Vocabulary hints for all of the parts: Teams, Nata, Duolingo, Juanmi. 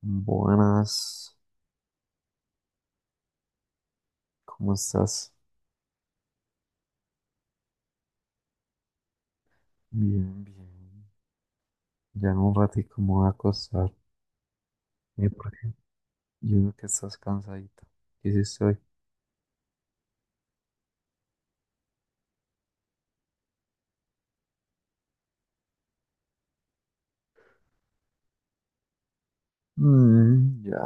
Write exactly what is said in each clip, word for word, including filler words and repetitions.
Buenas, ¿cómo estás? Bien, bien. Ya en un ratito me voy a acostar, eh, porque yo veo que estás cansadito. ¿Qué hiciste hoy? Mm, ya.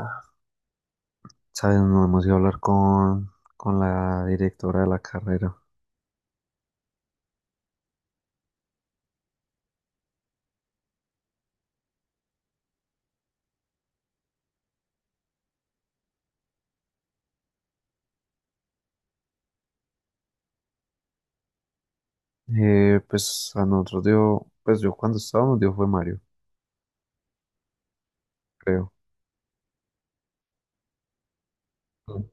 Sabes, no hemos ido a hablar con, con la directora de la carrera. Eh, pues a nosotros dio, pues yo cuando estábamos dio fue Mario, creo. Mm.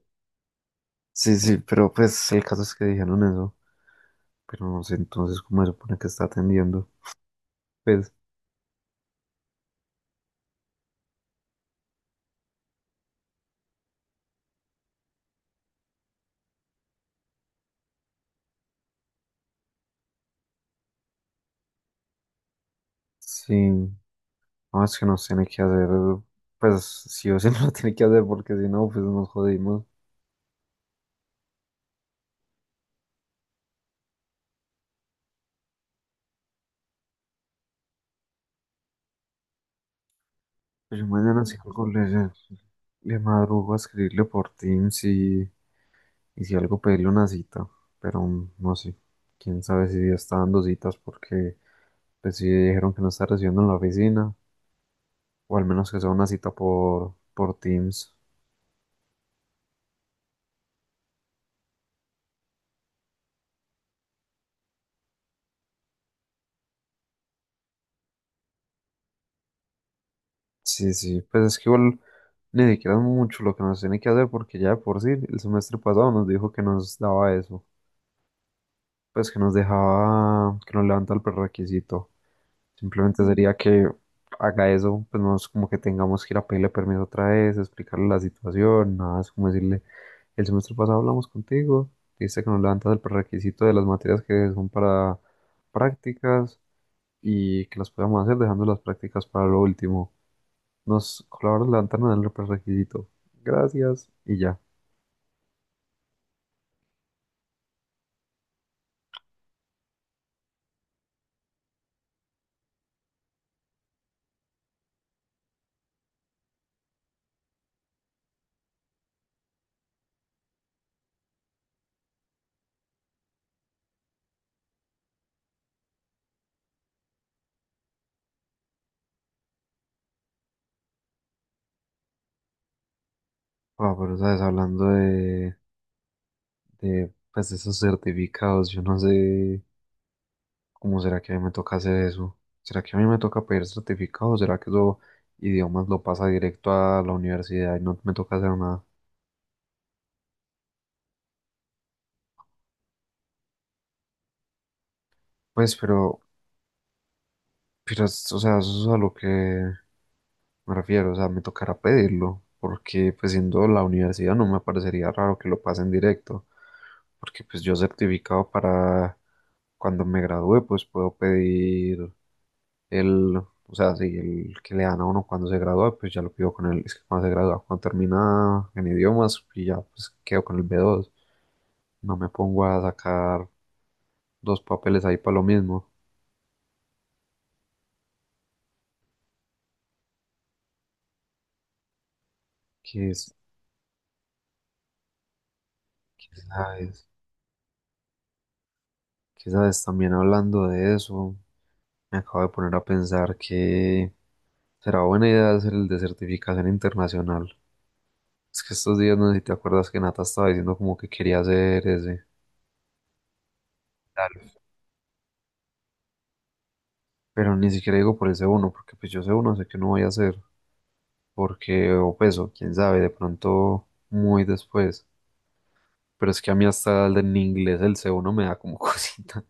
Sí, sí, pero pues el caso es que dijeron eso. Pero no sé entonces cómo se supone que está atendiendo. Pues sí. No, es que no tiene que hacer, pues sí o sí no lo tiene que hacer porque si no, pues nos jodimos. Pues yo mañana sí colgo le, le madrugo a escribirle por Teams y, y si algo pedirle una cita, pero mm, no sé, quién sabe si ya está dando citas porque pues sí dijeron que no está recibiendo en la oficina o al menos que sea una cita por, por Teams. Sí, sí, pues es que igual ni siquiera es mucho lo que nos tiene que hacer porque ya de por sí el semestre pasado nos dijo que nos daba eso. Pues que nos dejaba, que nos levanta el prerequisito. Simplemente sería que haga eso, pues no es como que tengamos que ir a pedirle permiso otra vez, explicarle la situación, nada, es como decirle, el semestre pasado hablamos contigo, dice que nos levantas el prerequisito de las materias que son para prácticas y que las podamos hacer dejando las prácticas para lo último. Nos colaboras levantarnos el prerequisito. Gracias y ya. Ah, pero sabes, hablando de, de, pues, de esos certificados, yo no sé. ¿Cómo será que a mí me toca hacer eso? ¿Será que a mí me toca pedir certificado? ¿Será que eso idiomas lo pasa directo a la universidad y no me toca hacer nada? Pues, pero, pero, es- o sea, eso es a lo que me refiero, o sea, me tocará pedirlo, porque pues siendo la universidad no me parecería raro que lo pasen directo, porque pues yo certificado para cuando me gradúe, pues puedo pedir El, o sea, sí, el que le dan a uno cuando se gradúa, pues ya lo pido con él. Es que cuando se gradúa, cuando termina en idiomas, y ya pues quedo con el B dos. No me pongo a sacar dos papeles ahí para lo mismo. Que es, que sabes, que sabes, también hablando de eso, me acabo de poner a pensar que será buena idea hacer el de certificación internacional. Es que estos días, no sé si te acuerdas que Nata estaba diciendo como que quería hacer ese. Tal. Pero ni siquiera digo por ese uno, porque pues yo ese uno sé que no voy a hacer. Porque, o pues, o quién sabe, de pronto muy después. Pero es que a mí hasta el en inglés el C uno me da como cosita.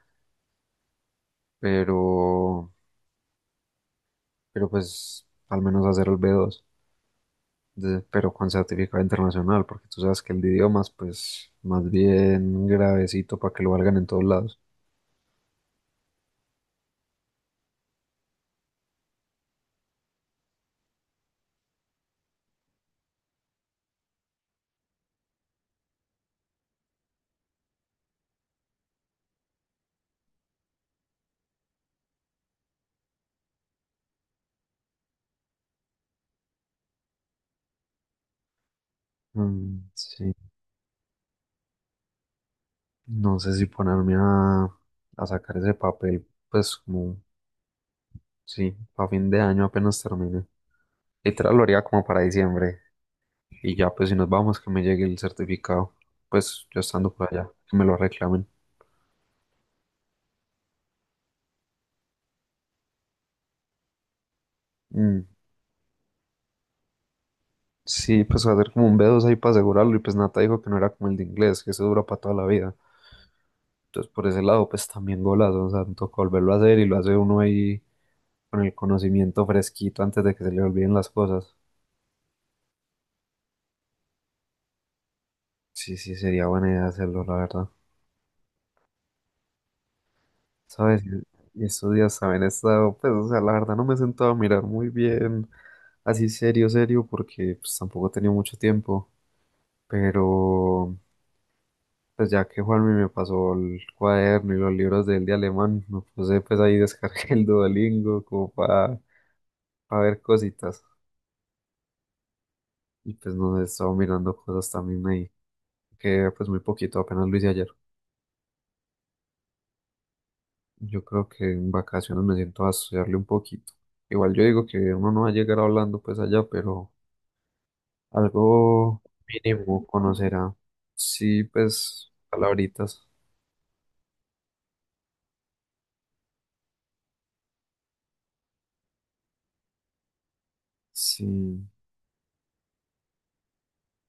Pero, pero pues, al menos hacer el B dos, de- pero con certificado internacional, porque tú sabes que el de idiomas, pues, más bien gravecito para que lo valgan en todos lados. Mm, sí, no sé si ponerme a, a sacar ese papel, pues, como, sí, a fin de año apenas termine. Literal lo haría como para diciembre. Y ya, pues si nos vamos, que me llegue el certificado, pues yo estando por allá, que me lo reclamen. Mm. Sí, pues hacer como un B dos ahí para asegurarlo y pues Nata dijo que no era como el de inglés, que eso dura para toda la vida. Entonces por ese lado, pues también golazo, o sea, me toca volverlo a hacer y lo hace uno ahí con el conocimiento fresquito antes de que se le olviden las cosas. Sí, sí, sería buena idea hacerlo, la verdad. ¿Sabes? Y y estos días también he estado, pues, o sea, la verdad no me he sentado a mirar muy bien, así serio, serio, porque pues tampoco he tenido mucho tiempo. Pero pues ya que Juanmi me pasó el cuaderno y los libros de él de alemán, me puse pues ahí descargué el Duolingo como para, ver cositas. Y pues no sé, estaba mirando cosas también ahí, que pues muy poquito, apenas lo hice ayer. Yo creo que en vacaciones me siento a estudiarle un poquito. Igual yo digo que uno no va a llegar hablando pues allá, pero algo mínimo conocerá. Sí, pues palabritas. Sí,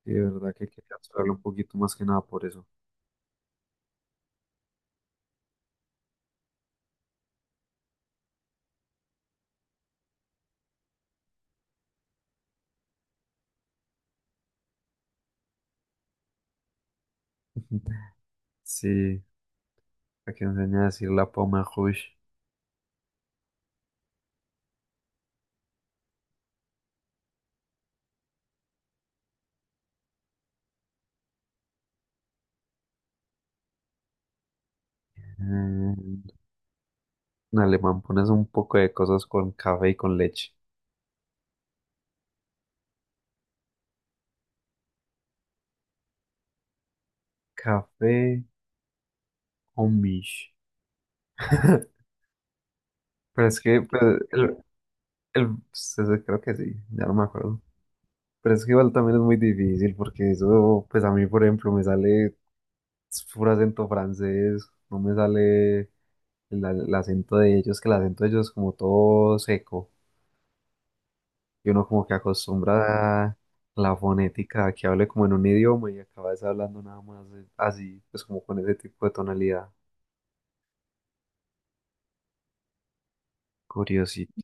sí, de verdad que quería estudiarlo un poquito más que nada por eso. Sí, para que enseñe a decir la poma Rouge. Eh, en alemán pones un poco de cosas con café y con leche. Café o mish. Pero es que, pues, el, el- pues, eso creo que sí, ya no me acuerdo. Pero es que igual también es muy difícil porque eso, pues a mí, por ejemplo, me sale puro acento francés, no me sale el, el acento de ellos, que el acento de ellos es como todo seco. Y uno como que acostumbra a la fonética a que hable como en un idioma y acabas hablando nada más eh, así, pues como con ese tipo de tonalidad. Curiosito.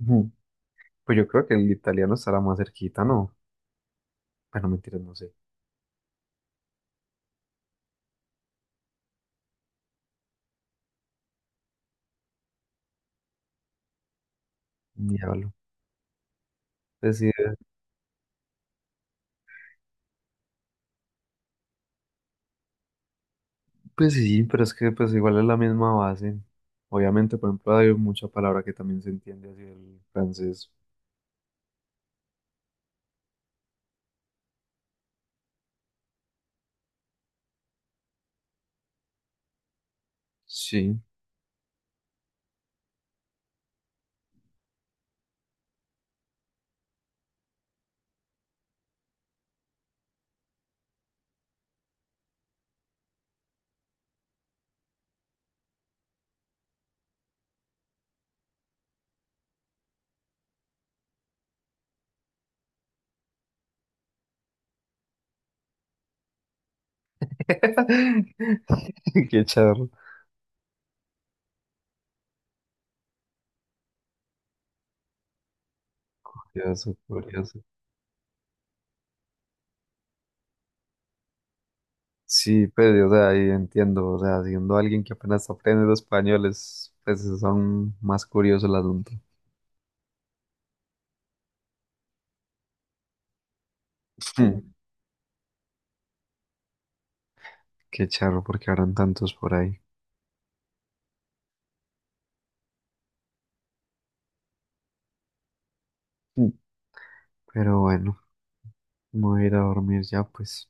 Ujú. Pues yo creo que el italiano estará más cerquita, ¿no? Bueno, mentiras, no sé. Diablo. Pues sí, eh, pues sí, pero es que pues igual es la misma base. Obviamente, por ejemplo, hay mucha palabra que también se entiende así el francés. Sí. Qué charro. Curioso, curioso. Sí, pues, o sea, y entiendo, o sea, siendo alguien que apenas aprende los españoles, pues, es aún más curioso el asunto. Mm. Qué charro, porque habrán tantos por ahí. Mm. Pero bueno, me voy a ir a dormir ya, pues,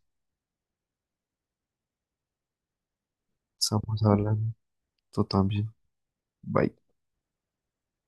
estamos hablando, tú también. Bye.